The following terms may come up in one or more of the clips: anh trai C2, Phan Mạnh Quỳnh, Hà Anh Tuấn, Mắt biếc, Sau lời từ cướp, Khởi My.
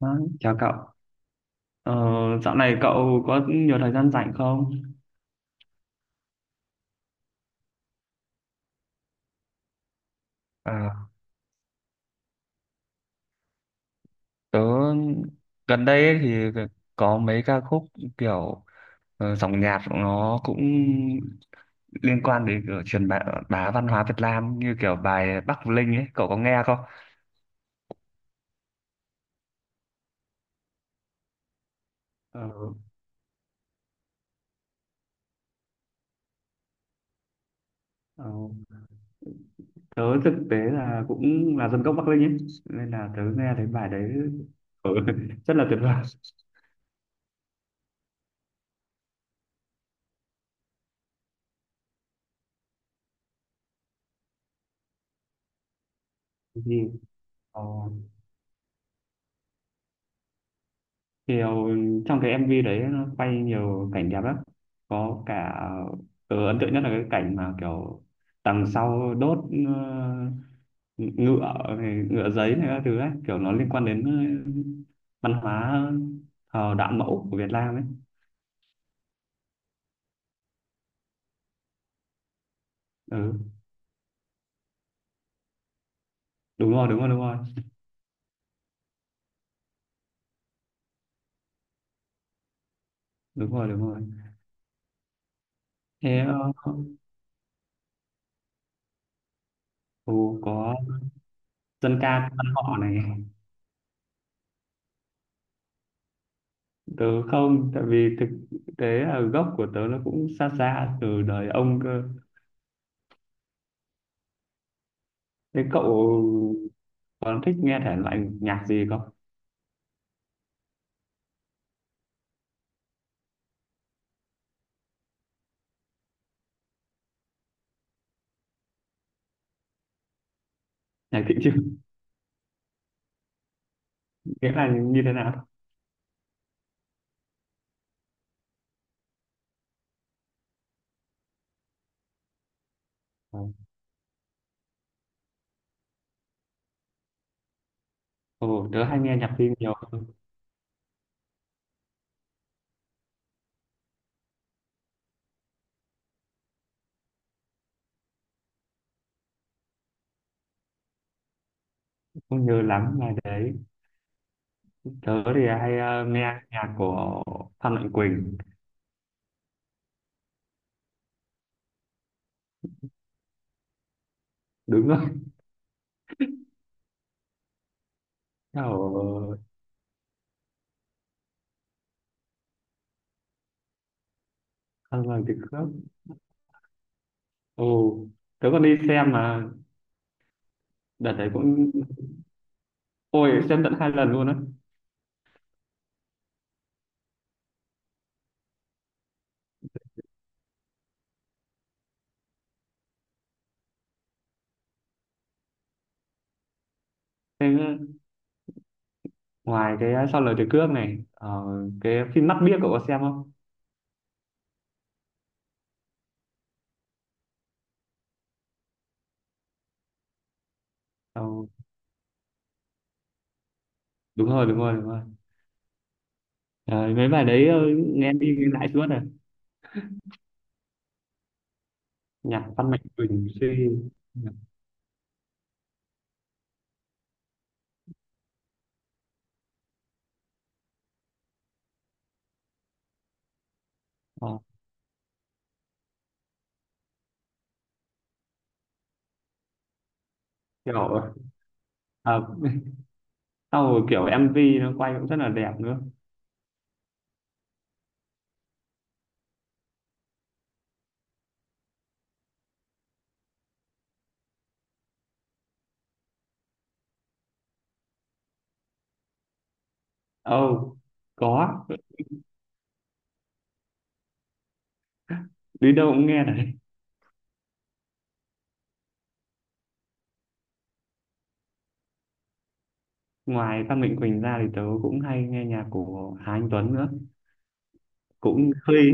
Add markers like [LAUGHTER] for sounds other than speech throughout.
Đó, chào cậu. Ờ, dạo này cậu có nhiều thời gian rảnh không? À, tớ gần đây ấy thì có mấy ca khúc kiểu dòng nhạc nó cũng liên quan đến kiểu truyền bá văn hóa Việt Nam như kiểu bài Bắc Linh ấy, cậu có nghe không? Ờ, ờ, tớ thực tế là cũng là dân gốc Bắc Linh ấy, nên là tớ nghe thấy bài đấy ừ, [LAUGHS] Rất là tuyệt vời. Ừ. Kiểu trong cái MV đấy nó quay nhiều cảnh đẹp lắm, có cả. Ấn tượng nhất là cái cảnh mà kiểu đằng sau đốt ờ, ngựa này, ngựa giấy này các thứ ấy, kiểu nó liên quan đến văn hóa đạo mẫu của Việt Nam ấy ừ, Đúng rồi, đúng rồi, đúng rồi, đúng rồi, đúng rồi. Thế ừ, có dân ca quan họ này. Tớ không, tại vì thực tế là gốc của tớ nó cũng xa xa từ đời ông cơ. Thế cậu còn thích nghe thể loại nhạc gì không? Nhạc thị trường [LAUGHS] nghĩa là như thế nào? Ờ, Ồ, tớ hay nghe nhạc phim nhiều, không nhớ lắm là đấy. Tớ thì hay nghe nhạc của Phan Mạnh Quỳnh, đúng rồi, [LAUGHS] kiểu Phan Mạnh Quỳnh khớp. Ồ, tớ còn đi xem mà, đợt đấy cũng, ôi xem tận hai lần luôn á. Thế ngoài cái Sau lời từ cướp này, cái phim Mắt biếc cậu có xem không? Ờ, đúng rồi, đúng rồi, đúng rồi. Ờ, mấy bài đấy nghe đi nghe lại suốt rồi. Nhạc Phan Mạnh Quỳnh Suy nhạc, ờ, kiểu à, [LAUGHS] sau rồi kiểu MV nó quay cũng rất là đẹp nữa. Oh, có đi đâu cũng nghe đấy. Ngoài Phan Mạnh Quỳnh ra thì tớ cũng hay nghe nhạc của Hà Anh Tuấn nữa, cũng hơi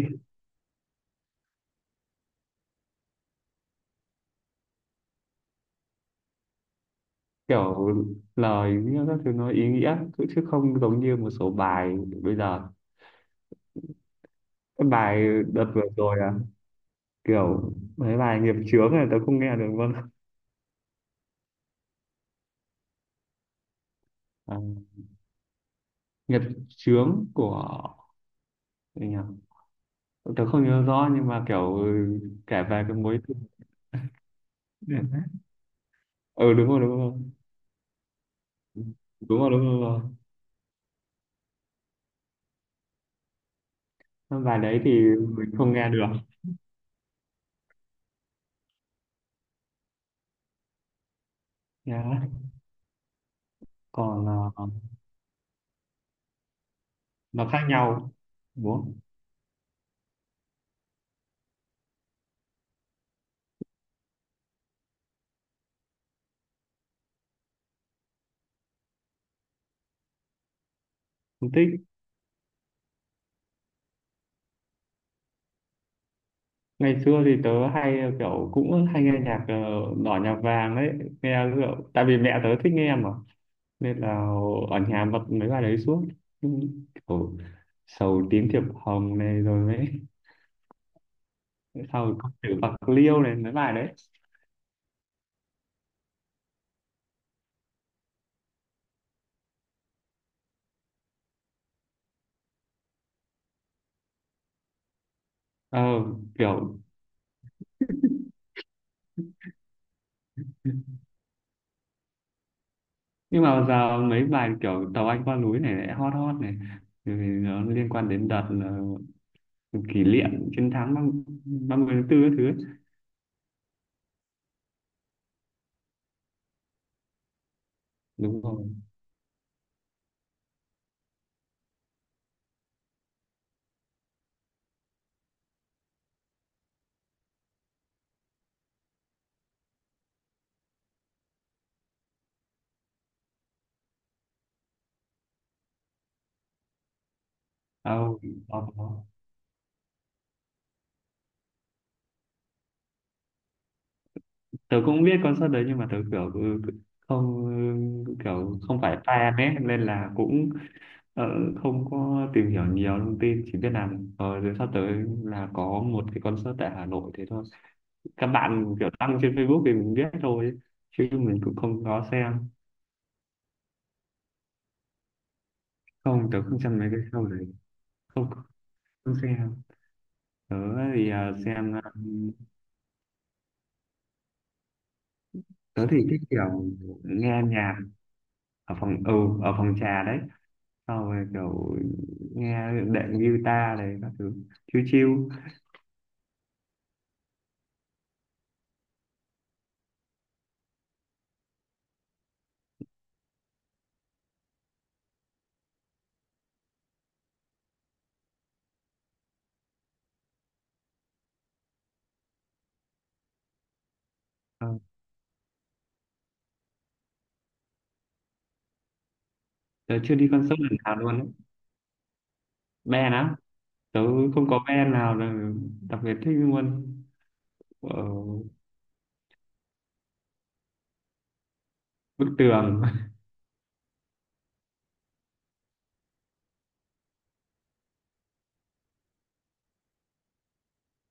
kiểu lời nghĩa các thứ nó ý nghĩa chứ chứ không giống như một số bài bây giờ. Cái bài đợt vừa rồi à, kiểu mấy bài nghiệp chướng này tớ không nghe được luôn. À, nghiệp chướng của gì nhỉ? Tớ không nhớ rõ nhưng mà kiểu kể về cái mối tình. Ừ, đúng rồi, đúng rồi, đúng rồi, đúng rồi. Cái bài đấy thì mình không nghe được. Nhá. Còn ờ, nó khác nhau đúng không? Không thích. Ngày xưa thì tớ hay kiểu cũng hay nghe nhạc đỏ nhạc vàng đấy, nghe kiểu, tại vì mẹ tớ thích nghe mà nên là ở nhà bật mấy bài đấy suốt. Ừ, kiểu sầu tím thiệp hồng này rồi mấy [LAUGHS] sau có chữ bạc liêu này mấy bài đấy. Ờ kiểu nhưng mà giờ mấy bài kiểu tàu Anh qua núi này lại hot hot này. Thì nó liên quan đến đợt là kỷ niệm chiến thắng ba ba mươi tháng tư các thứ ấy. Đúng rồi. À, có, có. Tớ cũng biết concert đấy nhưng mà tớ kiểu không kiểu không phải fan ấy, nên là cũng ờ, không có tìm hiểu nhiều thông tin, chỉ biết là rồi sắp tới là có một cái concert tại Hà Nội thế thôi. Các bạn kiểu đăng trên Facebook thì mình biết thôi, chứ mình cũng không có xem. Không, tớ không xem mấy cái show. Không, không xem. Tớ thì xem tớ thì thích kiểu nghe nhạc ở phòng ừ ở phòng trà đấy, sau rồi kiểu nghe đệm guitar này các thứ chill chill. Ờ, tớ chưa đi concert lần nào luôn đấy. Band á, tớ không có band nào là đặc biệt thích luôn. Ở bức tường. [LAUGHS]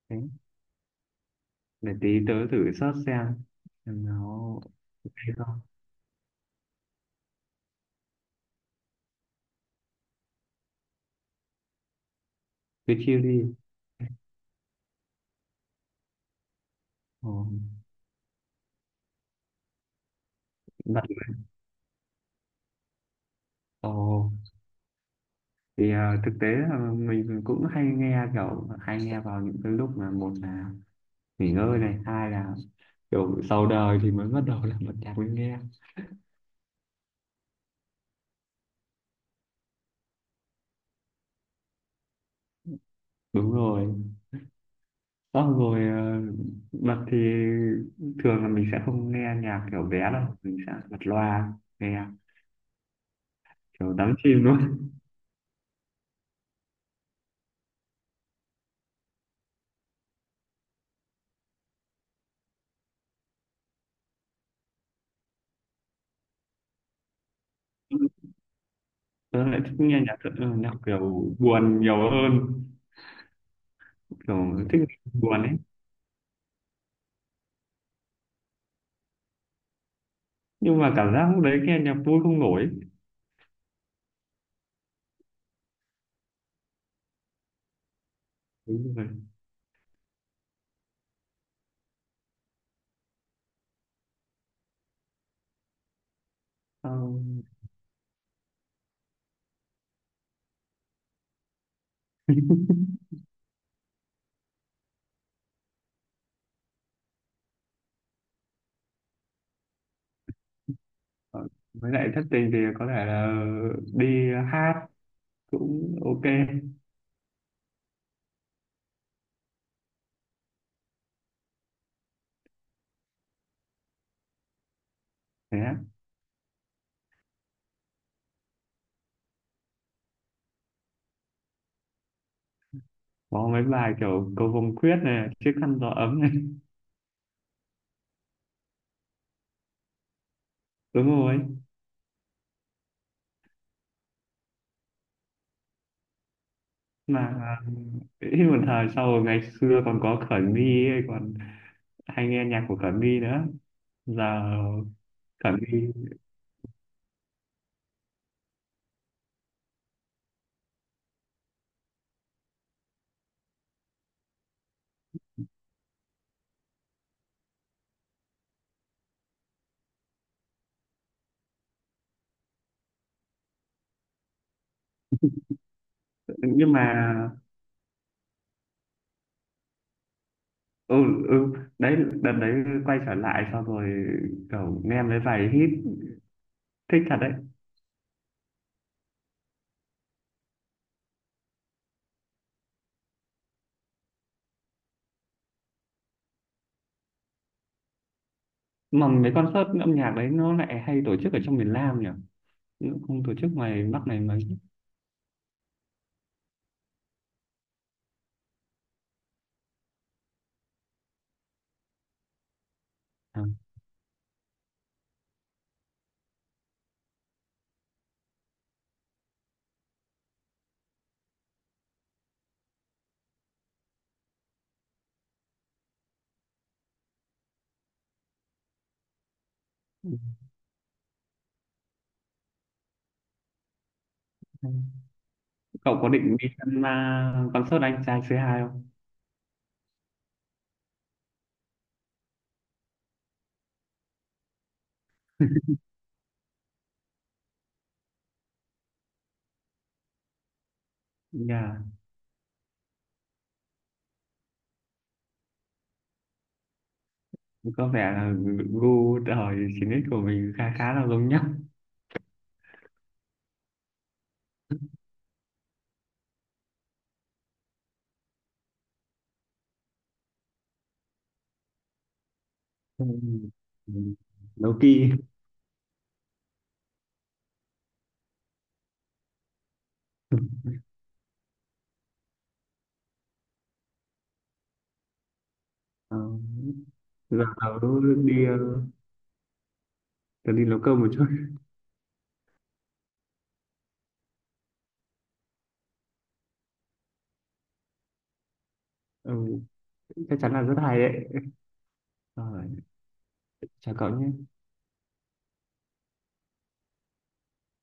Thế, để tí tớ thử search xem nó ok không. Cứ chill đi. Ồ, bật. Ồ, thì à, thực tế là mình cũng hay nghe vào những cái lúc mà một là nghỉ ngơi này, hai là kiểu sau đời thì mới bắt đầu là bật nhạc mới nghe. Đúng rồi. Xong rồi à, bật thì thường là mình sẽ không nghe nhạc kiểu vé đâu, mình sẽ bật loa nghe kiểu đắm chìm luôn. [LAUGHS] Tớ lại thích nghe nhạc, nhạc kiểu buồn nhiều hơn. Kiểu thích buồn ấy, nhưng mà cảm giác lúc đấy nghe nhạc vui không nổi. Đúng rồi. Ờ, Ờ, với lại thất tình thì có thể là đi hát cũng ok. Thế á. Có mấy bài kiểu cầu vồng quyết này, chiếc khăn gió ấm này. [LAUGHS] Đúng rồi. Mà à, ít một thời, sau rồi ngày xưa còn có Khởi My ấy, còn hay nghe nhạc của Khởi My nữa, giờ Khởi My. Nhưng mà ừ, ừ đấy, đợt đấy quay trở lại, sau rồi kiểu nghe mấy bài hit thích thật đấy. Mà mấy concert âm nhạc đấy nó lại hay tổ chức ở trong miền Nam nhỉ. Chứ không tổ chức ngoài Bắc này mà à. Cậu có định đi xem concert anh trai C2 không? Yeah. Có vẻ là gu thời 9x của mình khá khá là giống nhau. Ừ. Nấu kỳ. Ờ, giờ tớ đi ờ, tớ đi nấu cơm một chút. Ừ, chắc chắn là rất hay đấy. Rồi, chào cậu nhé.